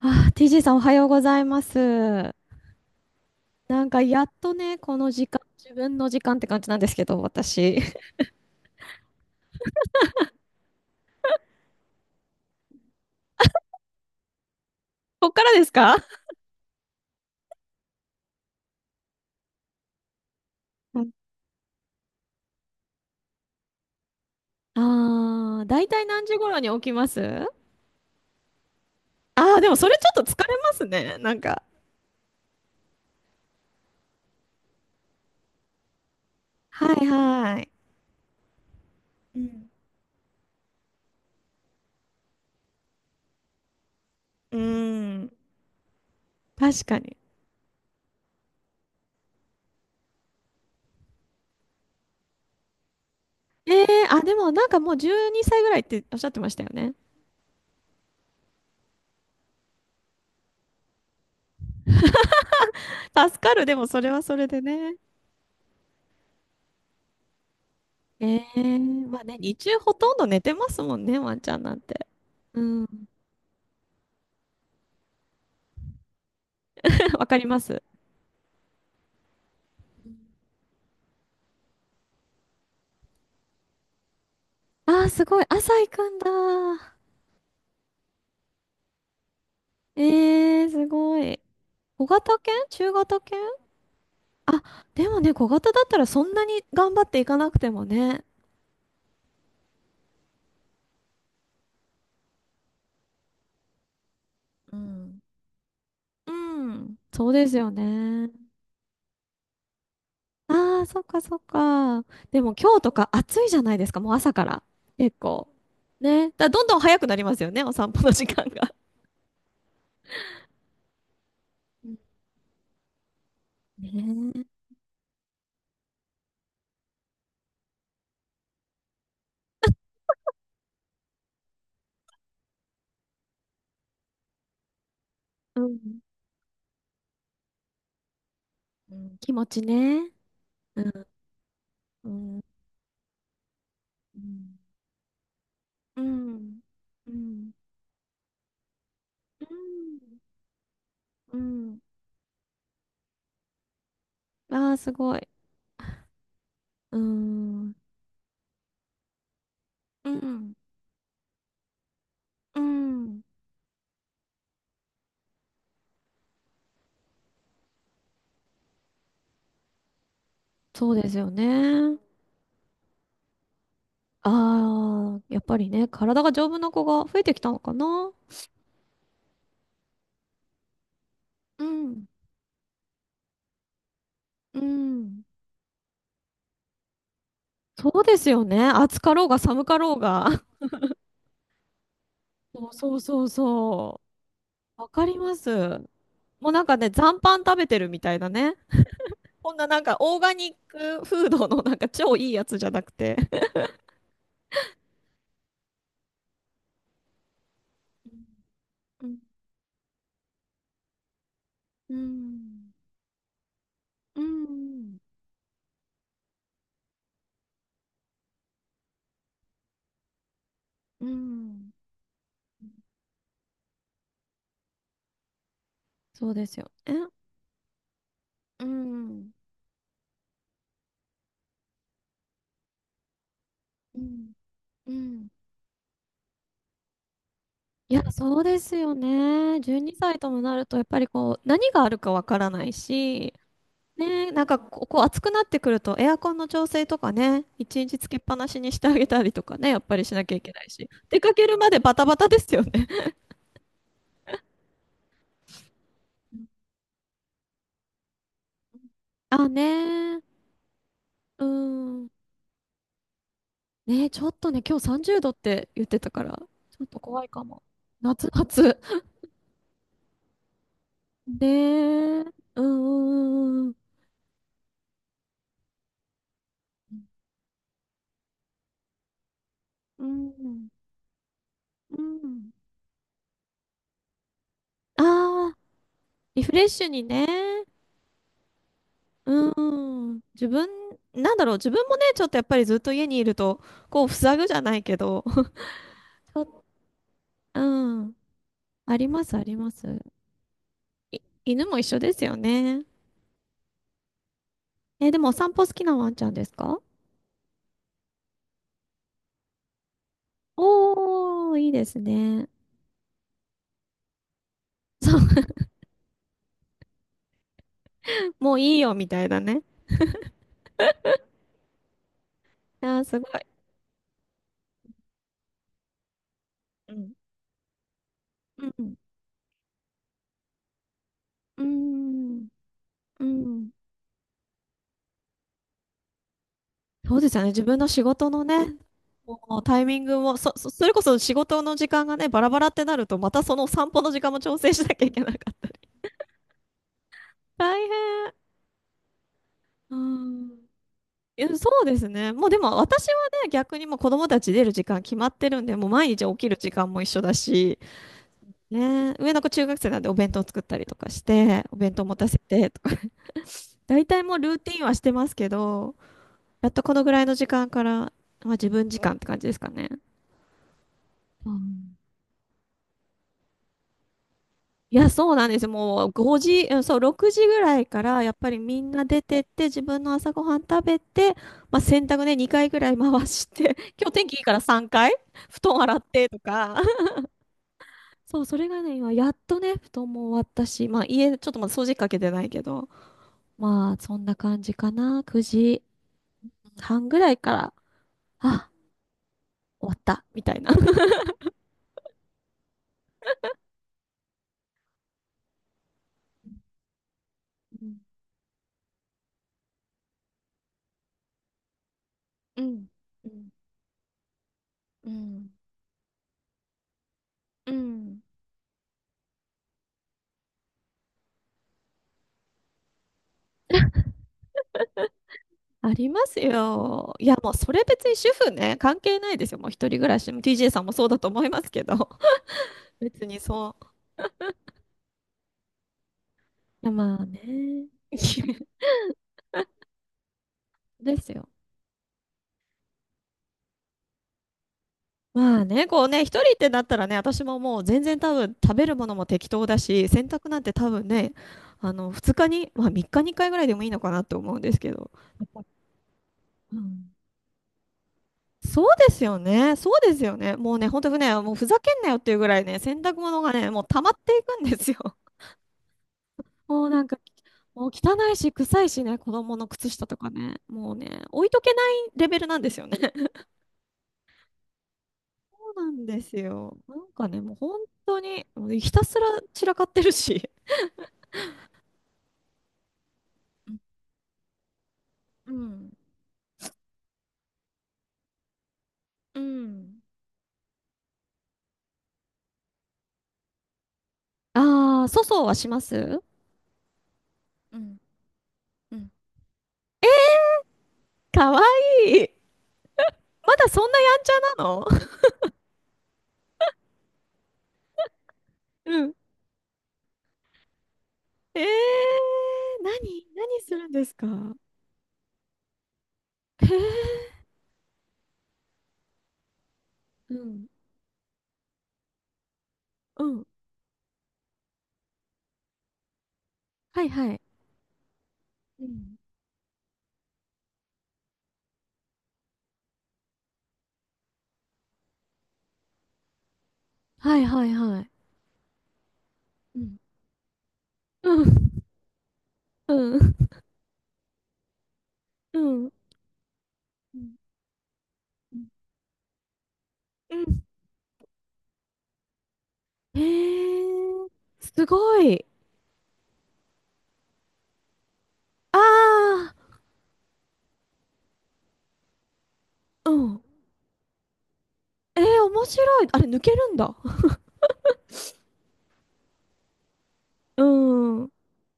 TG さんおはようございます。なんかやっとね、この時間、自分の時間って感じなんですけど、私。こっからですかあだいたい何時頃に起きます？でもそれちょっと疲れますね、なんか。はいはい。うん。うーん、確かに。ええ、でもなんかもう12歳ぐらいっておっしゃってましたよね。助かる、でもそれはそれでね。ええ、まあね、日中ほとんど寝てますもんね、ワンちゃんなんて。うん、わかります。あー、すごい。朝行くんだ。えー、すごい。小型犬、中型犬？あ、でもね、小型だったらそんなに頑張っていかなくてもね。うん。うん、そうですよね。ああ、そっかそっか。でも今日とか暑いじゃないですか、もう朝から。結構。ね。だからどんどん早くなりますよね、お散歩の時間が。うん。ね。うん。うん。気持ちね。うん。うん。うん。うん。うん。うん。うん。ああ、すごい。うーん。うん、うん、そうですよね。ああ、やっぱりね、体が丈夫な子が増えてきたのかな。うん、うん。そうですよね。暑かろうが寒かろうが。そうそうそうそう。わかります。もうなんかね、残飯食べてるみたいなね。こんななんかオーガニックフードのなんか超いいやつじゃなくて。うん。うん。うん。うん。そうですよね。うん。うん、うん。いや、そうですよね。12歳ともなると、やっぱりこう、何があるかわからないし、ね、なんかこう、こう暑くなってくると、エアコンの調整とかね、一日つけっぱなしにしてあげたりとかね、やっぱりしなきゃいけないし、出かけるまでバタバタですよね。うん。あ、ねー、うん。ね、ちょっとね、今日30度って言ってたから、ちょっと怖いかも。夏、夏。ねえ、う、うん、うん、うん。うん、あ、リフレッシュにね。うん。自分、自分もね、ちょっとやっぱりずっと家にいると、こう、塞ぐじゃないけど、ちょっと、うん。あります、あります。い、犬も一緒ですよね。え、でもお散歩好きなワンちゃんですか？おー、いいですね。もういいよ、みたいなね。あー、すごい。うん。うん。うん。うん。そうですよね。自分の仕事のね、もうタイミングも、それこそ仕事の時間がね、バラバラってなると、またその散歩の時間も調整しなきゃいけなかった。大変。うん。いや、そうですね。もうでも私はね、逆にもう子供たち出る時間決まってるんで、もう毎日起きる時間も一緒だし、ね、上の子中学生なんでお弁当作ったりとかして、お弁当持たせてとか、大体もうルーティンはしてますけど、やっとこのぐらいの時間から、まあ自分時間って感じですかね。いや、そうなんです。もう5時、うん、そう、6時ぐらいから、やっぱりみんな出てって、自分の朝ごはん食べて、まあ、洗濯ね、2回ぐらい回して、今日天気いいから3回、布団洗ってとか、そう、それがね、今、やっとね、布団も終わったし、まあ、家、ちょっとまだ掃除機かけてないけど、まあ、そんな感じかな。9時半ぐらいから、あ、終わった、みたいな。うん、うん、うん、うん。うん、ありますよ。いや、もうそれ別に主婦ね、関係ないですよ。もう一人暮らしも TJ さんもそうだと思いますけど、別にそう。いやまあね。ですよ。まあね、こうね、一人ってなったらね、私ももう全然多分食べるものも適当だし、洗濯なんて多分ね、あの、2日に、まあ3日に1回ぐらいでもいいのかなって思うんですけど。やっぱ、うん、そうですよね。そうですよね。もうね、本当にね、もうふざけんなよっていうぐらいね、洗濯物がね、もう溜まっていくんですよ。もうなんか、もう汚いし、臭いしね、子供の靴下とかね、もうね、置いとけないレベルなんですよね。そうなんですよ。なんかね、もう本当に、もうひたすら散らかってるし。うん。うん。ああ、粗相はします？うん。うん。かわいい。まだそんなやんちゃなの？ うん。え、えー、何するんですか？へえ、うん、うん。はいはい。うん。はいはいはい。うん。うん、うん、うん。うん。うん。うん。へえ、すごい。ああ、うん。えー、面白い。あれ、抜けるんだ。うん。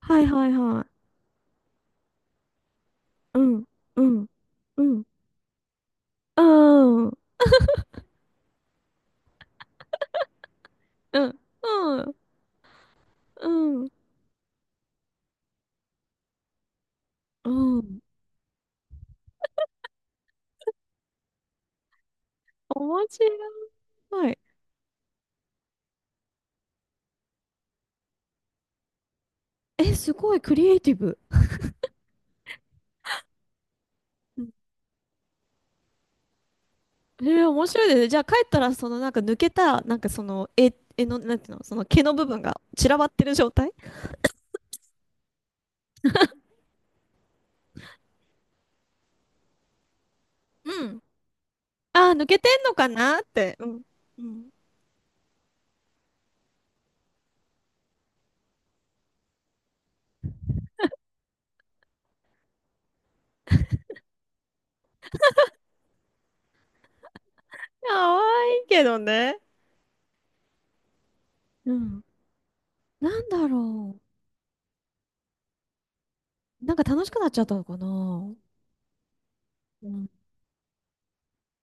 はいはいはい。うん、うん、うん、うん、うん、うん、うん、うん。面白い。え、すごいクリエイティブ。うん。えー、面白いですね。じゃあ帰ったら、そのなんか抜けた、なんかその絵の、なんていうの、その毛の部分が散らばってる状態？うん。ああ、抜けてんのかなって。うん。うん。可愛いけどね。うん。なんだろう。なんか楽しくなっちゃったのかな。うん。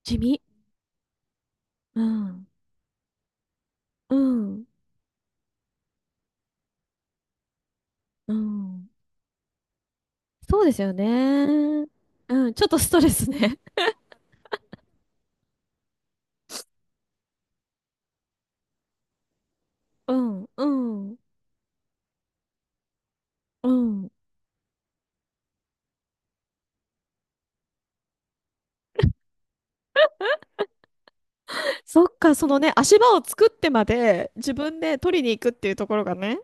地味。うん。うん。うん。そうですよね。うん。ちょっとストレスね。うん。うん。うん。そっか、そのね、足場を作ってまで自分で取りに行くっていうところがね、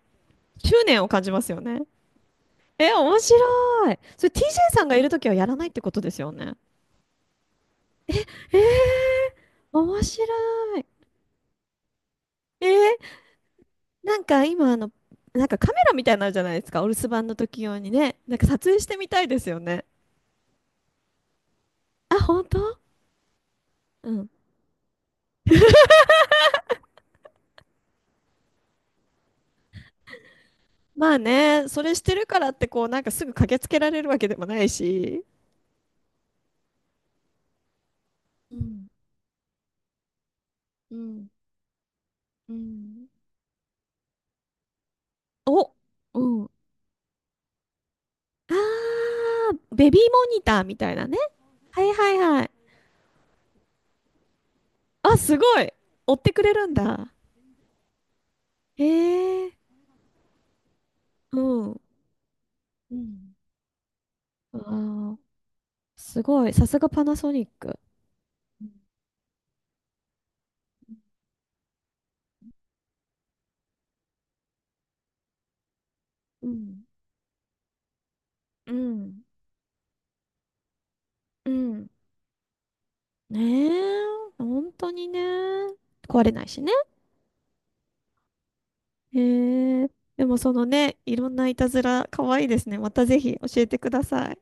執念を感じますよね。え、面白い。それ TJ さんがいるときはやらないってことですよね。えー、面白い。えー、なんか今あの、なんかカメラみたいなのあるじゃないですか。お留守番の時用にね。なんか撮影してみたいですよね。あ、本当？うん。まあね、それしてるからってこう、なんかすぐ駆けつけられるわけでもないし。うん、うん、うん。お、うん。あー、ベビーモニターみたいなね。はいはいはい。あ、すごい。追ってくれるんだ。へえ、うん。うん、あー、すごい。さすがパナソニック。うん、うん。うん。ねえ、本当にね、壊れないしね。えー、でもそのね、いろんないたずら、可愛いですね。またぜひ教えてください。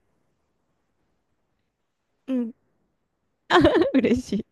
うん。嬉しい。